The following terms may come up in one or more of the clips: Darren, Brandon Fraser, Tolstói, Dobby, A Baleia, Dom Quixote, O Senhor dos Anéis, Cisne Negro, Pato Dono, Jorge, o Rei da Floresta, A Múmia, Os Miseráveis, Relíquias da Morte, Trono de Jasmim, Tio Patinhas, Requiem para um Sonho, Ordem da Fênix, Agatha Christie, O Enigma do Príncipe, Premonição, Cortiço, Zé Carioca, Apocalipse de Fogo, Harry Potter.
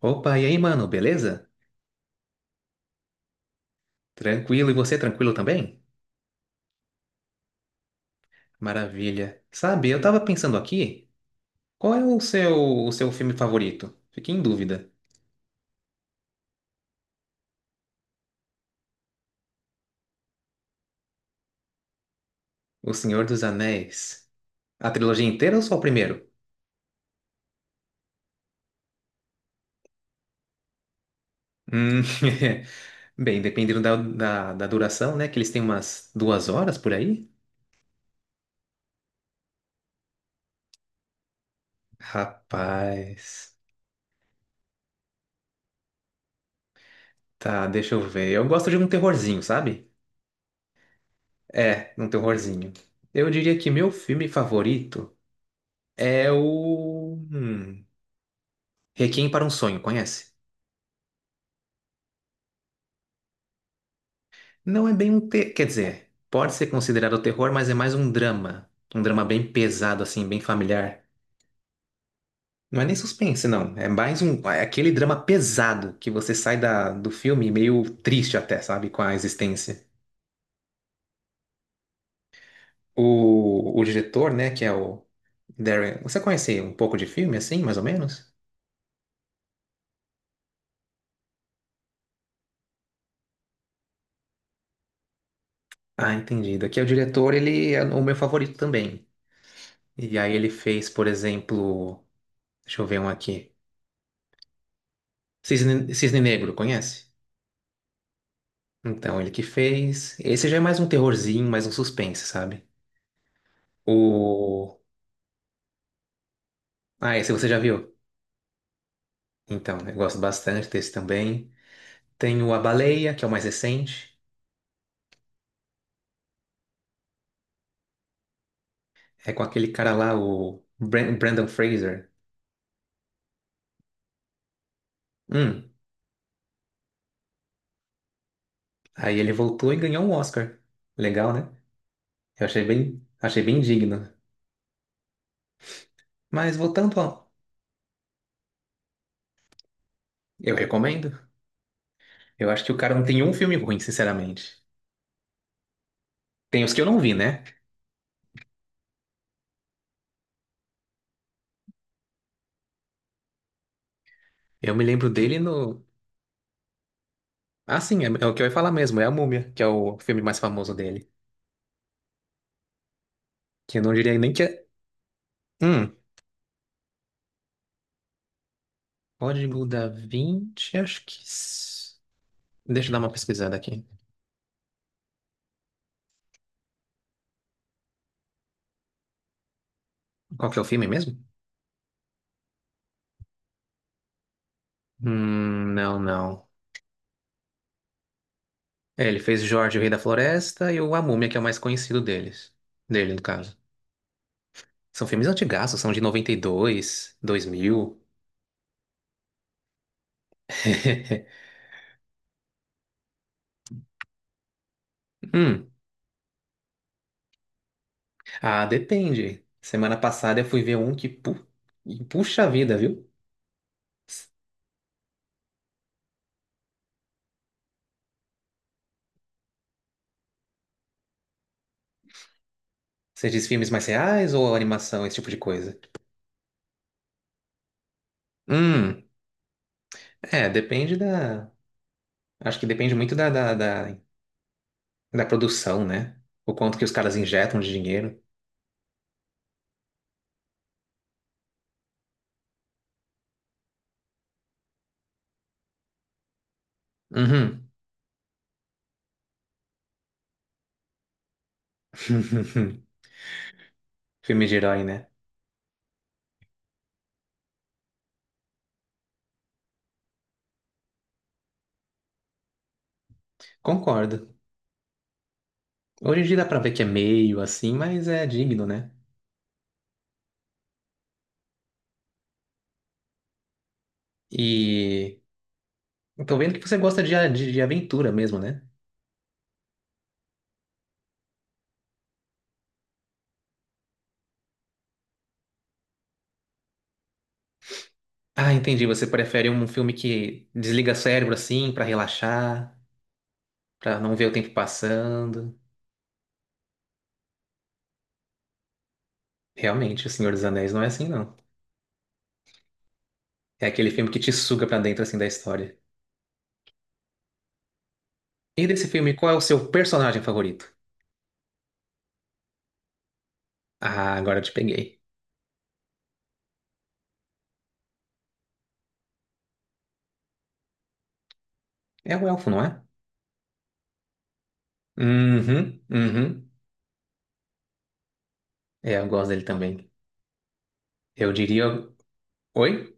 Opa, e aí, mano, beleza? Tranquilo, e você tranquilo também? Maravilha. Sabe, eu tava pensando aqui, qual é o seu filme favorito? Fiquei em dúvida. O Senhor dos Anéis. A trilogia inteira ou só o primeiro? Hum, bem, dependendo da duração, né? Que eles têm umas duas horas por aí. Rapaz, tá, deixa eu ver. Eu gosto de um terrorzinho, sabe? É, um terrorzinho. Eu diria que meu filme favorito é o Requiem para um Sonho, conhece? Não é bem um Quer dizer, pode ser considerado terror, mas é mais um drama. Um drama bem pesado, assim, bem familiar. Não é nem suspense, não. É mais É aquele drama pesado que você sai do filme meio triste até, sabe? Com a existência. O diretor, né, que é o Darren. Você conhece um pouco de filme, assim, mais ou menos? Ah, entendido. Aqui é o diretor, ele é o meu favorito também. E aí ele fez, por exemplo. Deixa eu ver um aqui. Cisne Negro, conhece? Então, ele que fez. Esse já é mais um terrorzinho, mais um suspense, sabe? O. Ah, esse você já viu? Então, eu gosto bastante desse também. Tem o A Baleia, que é o mais recente. É com aquele cara lá, o Brandon Fraser. Hum. Aí ele voltou e ganhou um Oscar. Legal, né? Eu achei achei bem digno. Mas voltando ao. Eu recomendo. Eu acho que o cara não tem um filme ruim, sinceramente. Tem os que eu não vi, né? Eu me lembro dele no. Ah, sim, é o que eu ia falar mesmo, é a Múmia, que é o filme mais famoso dele. Que eu não diria nem que é. Hum, Código da Vinci, acho que. Deixa eu dar uma pesquisada aqui. Qual que é o filme mesmo? Não. É, ele fez Jorge, o Rei da Floresta e o A Múmia, que é o mais conhecido deles. Dele, no caso. São filmes antigaços, são de 92, 2000. Hum, depende. Semana passada eu fui ver um que puxa a vida, viu? Você diz filmes mais reais ou animação, esse tipo de coisa? Hum, é, depende da. Acho que depende muito da produção, né? O quanto que os caras injetam de dinheiro. Uhum. Filme de herói, né? Concordo. Hoje em dia dá pra ver que é meio assim, mas é digno, né? E eu tô vendo que você gosta de, de aventura mesmo, né? Ah, entendi. Você prefere um filme que desliga o cérebro assim, pra relaxar, pra não ver o tempo passando. Realmente, O Senhor dos Anéis não é assim, não. É aquele filme que te suga pra dentro assim da história. E desse filme, qual é o seu personagem favorito? Ah, agora eu te peguei. É o elfo, não é? Uhum, uhum. É, eu gosto dele também. Eu diria. Oi?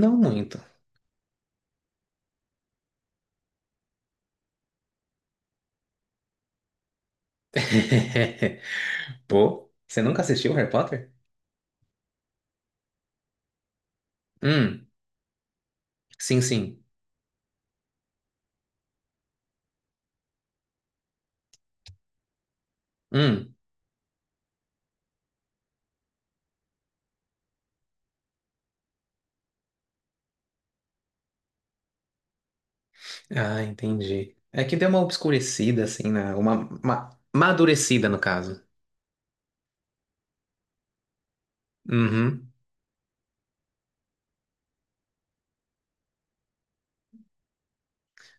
Não muito. Pô, você nunca assistiu Harry Potter? Hum, sim, sim. Hum. Ah, entendi. É que deu uma obscurecida, assim, uma madurecida, no caso. Uhum.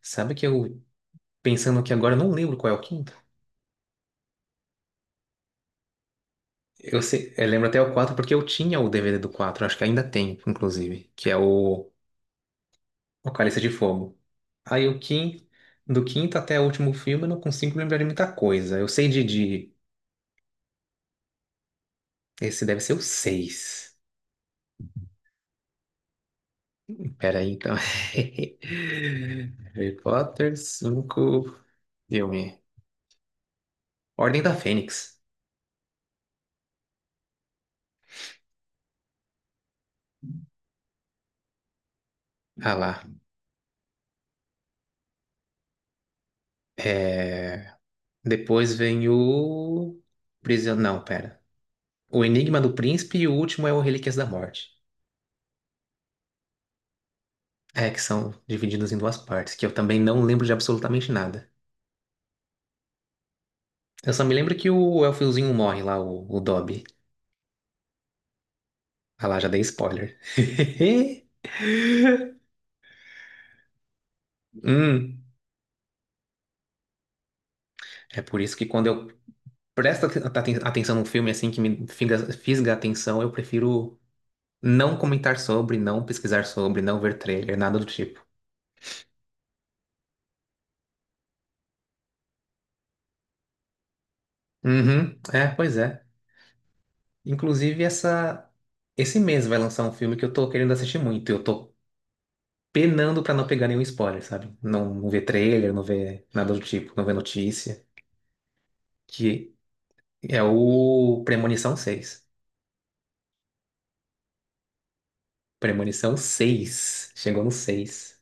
Sabe que eu, pensando aqui agora, eu não lembro qual é o quinto? Eu, sei, eu lembro até o 4 porque eu tinha o DVD do 4. Acho que ainda tem, inclusive, que é o Apocalipse de Fogo. Aí o quinto, do quinto até o último filme eu não consigo lembrar de muita coisa. Eu sei de. Esse deve ser o seis. Pera aí, então. Harry Potter 5, filme. Ordem da Fênix. Ah lá. É... Depois vem o. Não, pera. O Enigma do Príncipe e o último é o Relíquias da Morte. É, que são divididos em duas partes, que eu também não lembro de absolutamente nada. Eu só me lembro que o elfiozinho morre lá, o Dobby. Ah lá, já dei spoiler. Hum, é por isso que quando eu presto atenção num filme assim que me fisga a atenção, eu prefiro não comentar sobre, não pesquisar sobre, não ver trailer, nada do tipo. Uhum, é, pois é. Inclusive, esse mês vai lançar um filme que eu tô querendo assistir muito. Eu tô penando pra não pegar nenhum spoiler, sabe? Não ver trailer, não ver nada do tipo, não ver notícia. Que é o Premonição seis. Premonição seis. Chegou no 6.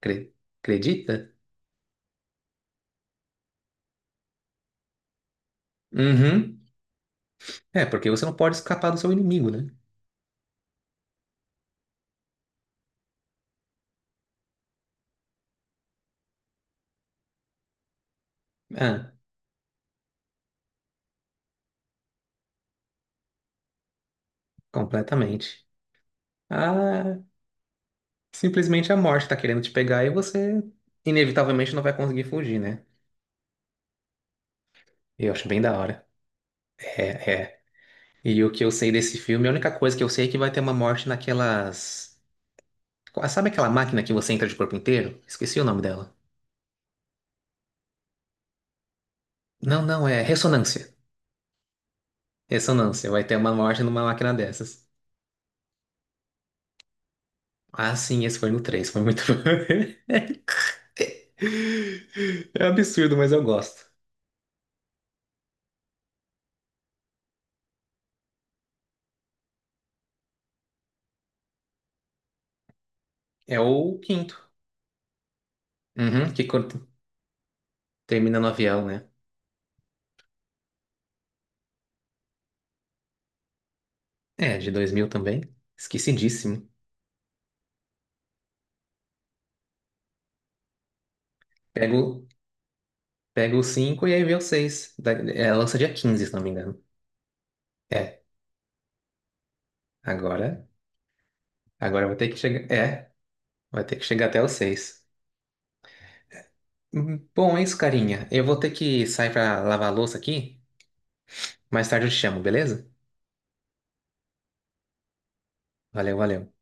Cre- Acredita? Uhum. É, porque você não pode escapar do seu inimigo, né? Ah, completamente. Ah, simplesmente a morte tá querendo te pegar e você inevitavelmente não vai conseguir fugir, né? Eu acho bem da hora. É, é. E o que eu sei desse filme, a única coisa que eu sei é que vai ter uma morte naquelas. Sabe aquela máquina que você entra de corpo inteiro? Esqueci o nome dela. Não, não, é ressonância. Ressonância, vai ter uma morte numa máquina dessas. Ah, sim, esse foi no 3, foi muito bom. É absurdo, mas eu gosto. É o quinto. Uhum, que termina no avião, né? É, de 2000 também. Esquecidíssimo. Pego, pego o cinco e aí vem o 6. É, lança dia 15, se não me engano. É, agora, agora vai ter que chegar. É, vai ter que chegar até o 6. Bom, é isso, carinha. Eu vou ter que sair pra lavar a louça aqui. Mais tarde eu te chamo, beleza? Valeu, valeu.